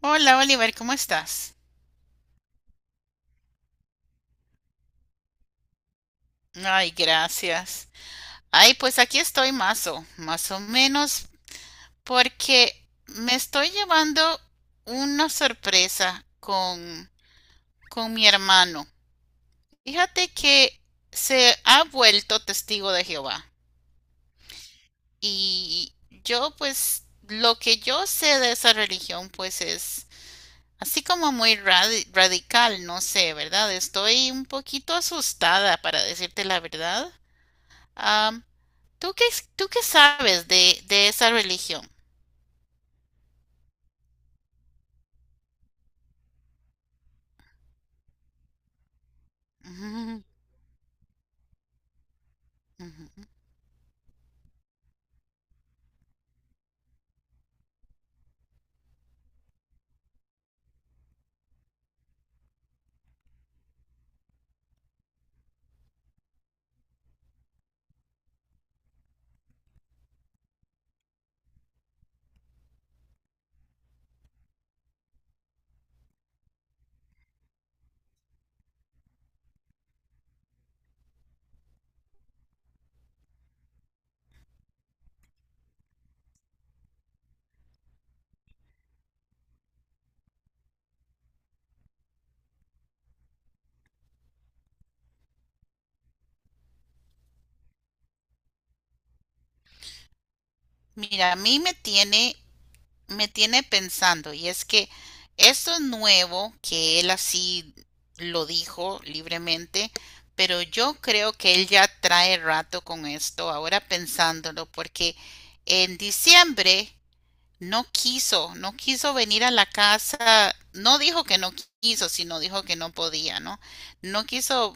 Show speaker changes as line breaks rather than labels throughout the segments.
Hola Oliver, ¿cómo estás? Ay, gracias. Ay, pues aquí estoy más o menos, porque me estoy llevando una sorpresa con mi hermano. Fíjate que se ha vuelto testigo de Jehová. Y yo, pues, lo que yo sé de esa religión, pues es así como muy radical, no sé, ¿verdad? Estoy un poquito asustada, para decirte la verdad. ¿Tú qué, tú qué sabes de esa religión? Ujú, ujú. Mira, a mí me tiene pensando, y es que esto es nuevo, que él así lo dijo libremente, pero yo creo que él ya trae rato con esto, ahora pensándolo, porque en diciembre no quiso venir a la casa, no dijo que no quiso, sino dijo que no podía, ¿no? No quiso,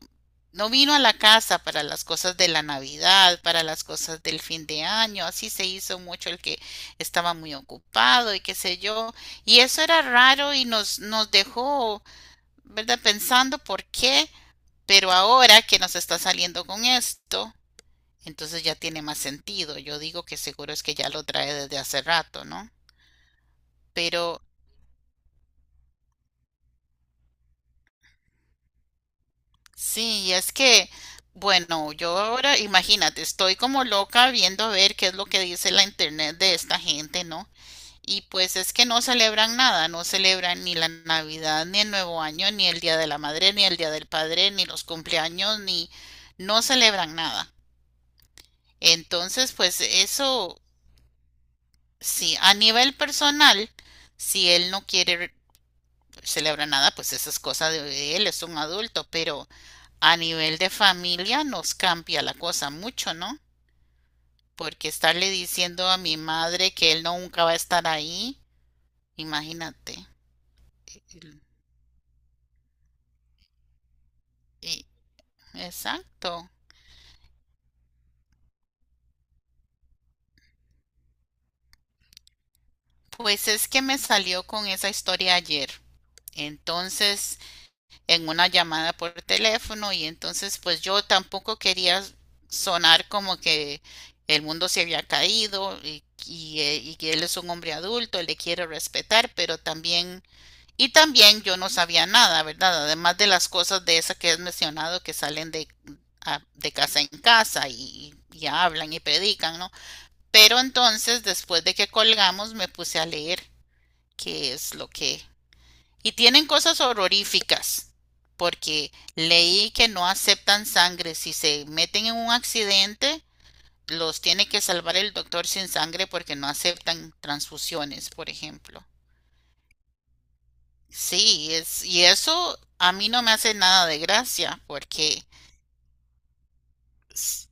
no vino a la casa para las cosas de la Navidad, para las cosas del fin de año, así se hizo mucho el que estaba muy ocupado y qué sé yo, y eso era raro y nos dejó, ¿verdad? Pensando por qué, pero ahora que nos está saliendo con esto, entonces ya tiene más sentido. Yo digo que seguro es que ya lo trae desde hace rato, ¿no? Pero sí, y es que, bueno, yo ahora, imagínate, estoy como loca viendo a ver qué es lo que dice la internet de esta gente, ¿no? Y pues es que no celebran nada, no celebran ni la Navidad, ni el Nuevo Año, ni el Día de la Madre, ni el Día del Padre, ni los cumpleaños, ni no celebran nada. Entonces, pues eso, sí, a nivel personal, si él no quiere celebrar nada, pues esa es cosa de él, es un adulto, pero a nivel de familia nos cambia la cosa mucho, ¿no? Porque estarle diciendo a mi madre que él no, nunca va a estar ahí, imagínate. Exacto. Pues es que me salió con esa historia ayer. Entonces, en una llamada por teléfono y entonces pues yo tampoco quería sonar como que el mundo se había caído y que él es un hombre adulto, le quiero respetar, pero también, y también yo no sabía nada, ¿verdad? Además de las cosas de esas que has mencionado que salen de casa en casa y hablan y predican, ¿no? Pero entonces, después de que colgamos, me puse a leer qué es lo que... Y tienen cosas horroríficas, porque leí que no aceptan sangre. Si se meten en un accidente, los tiene que salvar el doctor sin sangre porque no aceptan transfusiones, por ejemplo. Sí, es, y eso a mí no me hace nada de gracia, porque s-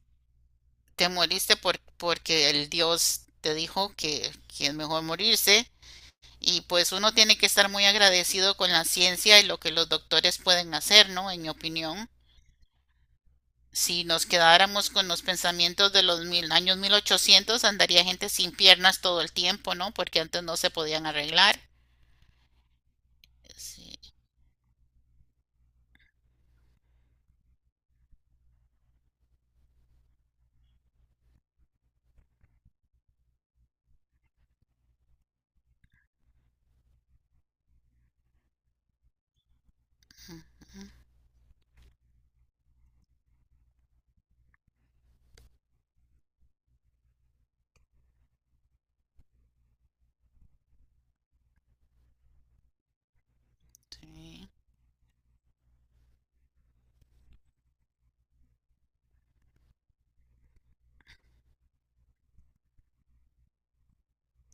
te moriste por, porque el Dios te dijo que, es mejor morirse, y pues uno tiene que estar muy agradecido con la ciencia y lo que los doctores pueden hacer, ¿no? En mi opinión, si nos quedáramos con los pensamientos de los mil, años 1800 andaría gente sin piernas todo el tiempo, ¿no? Porque antes no se podían arreglar. Sí, sí.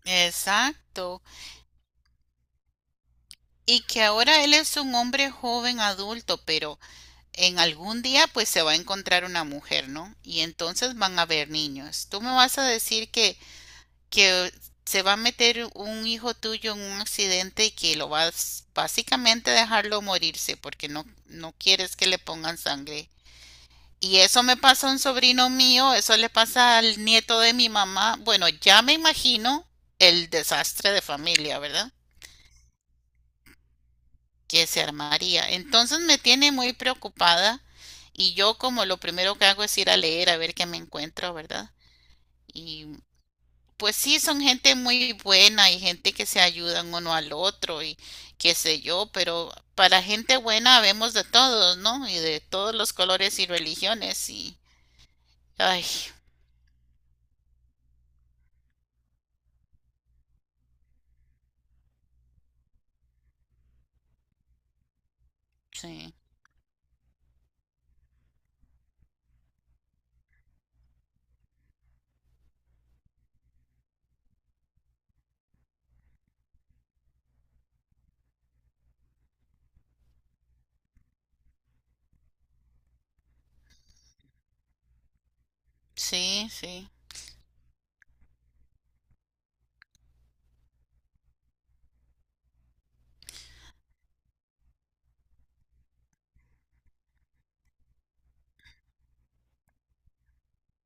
Exacto. Y que ahora él es un hombre joven adulto, pero en algún día pues se va a encontrar una mujer, ¿no? Y entonces van a haber niños. Tú me vas a decir que se va a meter un hijo tuyo en un accidente y que lo vas básicamente dejarlo morirse porque no quieres que le pongan sangre. Y eso me pasa a un sobrino mío, eso le pasa al nieto de mi mamá. Bueno, ya me imagino el desastre de familia, ¿verdad? Que se armaría. Entonces me tiene muy preocupada y yo como lo primero que hago es ir a leer a ver qué me encuentro, ¿verdad? Y pues sí, son gente muy buena y gente que se ayudan uno al otro y qué sé yo, pero para gente buena vemos de todos, ¿no? Y de todos los colores y religiones y... Ay, sí, sí, sí.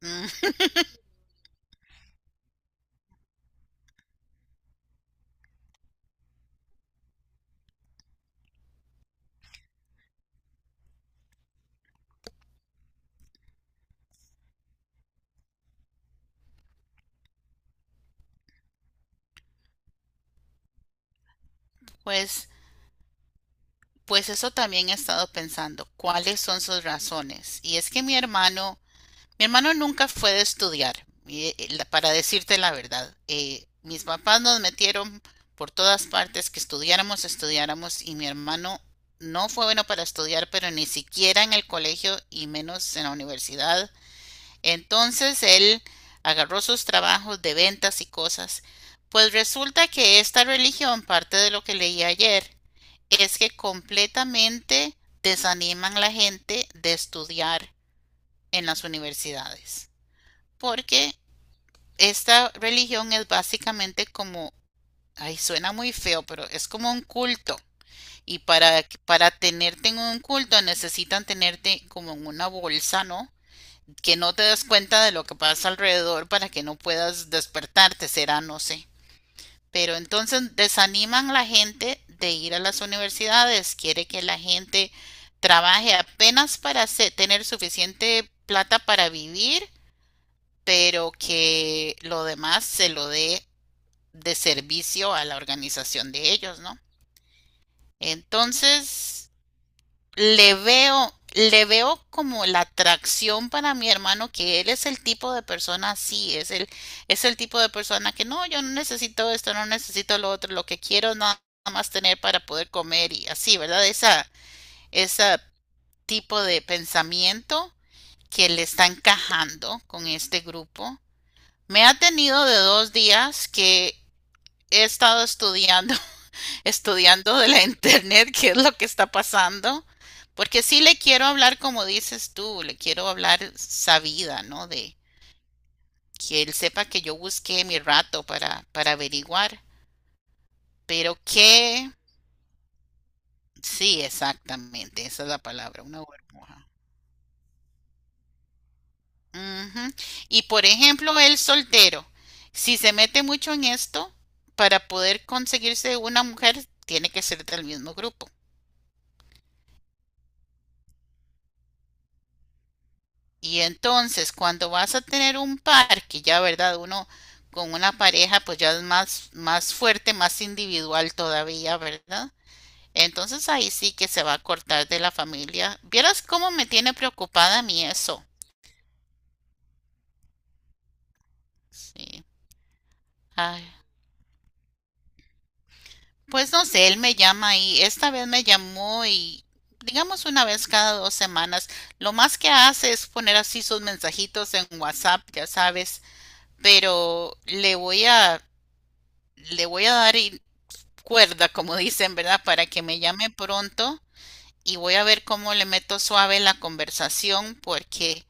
Mm, pues, pues eso también he estado pensando, ¿cuáles son sus razones? Y es que mi hermano, mi hermano nunca fue de estudiar, para decirte la verdad. Mis papás nos metieron por todas partes que estudiáramos, estudiáramos, y mi hermano no fue bueno para estudiar, pero ni siquiera en el colegio y menos en la universidad. Entonces él agarró sus trabajos de ventas y cosas. Pues resulta que esta religión, parte de lo que leí ayer, es que completamente desaniman a la gente de estudiar en las universidades porque esta religión es básicamente como, ay, suena muy feo, pero es como un culto. Y para tenerte en un culto necesitan tenerte como en una bolsa, ¿no? Que no te des cuenta de lo que pasa alrededor para que no puedas despertarte, será, no sé. Pero entonces desaniman a la gente de ir a las universidades, quiere que la gente trabaje apenas para tener suficiente plata para vivir pero que lo demás se lo dé de servicio a la organización de ellos, ¿no? Entonces, le veo como la atracción para mi hermano, que él es el tipo de persona así, es el tipo de persona que no, yo no necesito esto, no necesito lo otro, lo que quiero es nada más tener para poder comer y así, ¿verdad? Esa, ese tipo de pensamiento que le está encajando con este grupo. Me ha tenido de 2 días que he estado estudiando, estudiando de la internet, qué es lo que está pasando, porque sí le quiero hablar como dices tú, le quiero hablar sabida, ¿no? De que él sepa que yo busqué mi rato para averiguar, pero que sí, exactamente, esa es la palabra, una burbuja. Ujú. Y por ejemplo, el soltero, si se mete mucho en esto, para poder conseguirse una mujer, tiene que ser del mismo grupo. Y entonces, cuando vas a tener un par, que ya, ¿verdad? Uno con una pareja, pues ya es más, fuerte, más individual todavía, ¿verdad? Entonces ahí sí que se va a cortar de la familia. ¿Vieras cómo me tiene preocupada a mí eso? Sí. Ay. Pues no sé, él me llama y esta vez me llamó y digamos una vez cada 2 semanas. Lo más que hace es poner así sus mensajitos en WhatsApp, ya sabes, pero le voy a, dar cuerda, como dicen, ¿verdad? Para que me llame pronto y voy a ver cómo le meto suave la conversación porque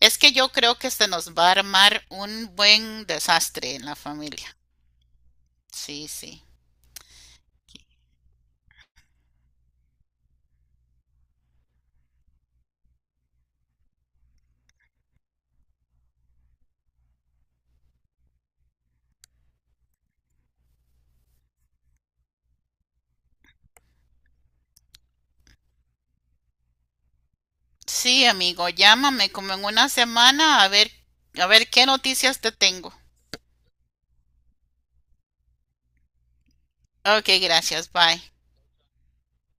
es que yo creo que se nos va a armar un buen desastre en la familia. Sí, sí. Sí, amigo, llámame como en una semana a ver qué noticias te tengo. Ok, gracias, bye.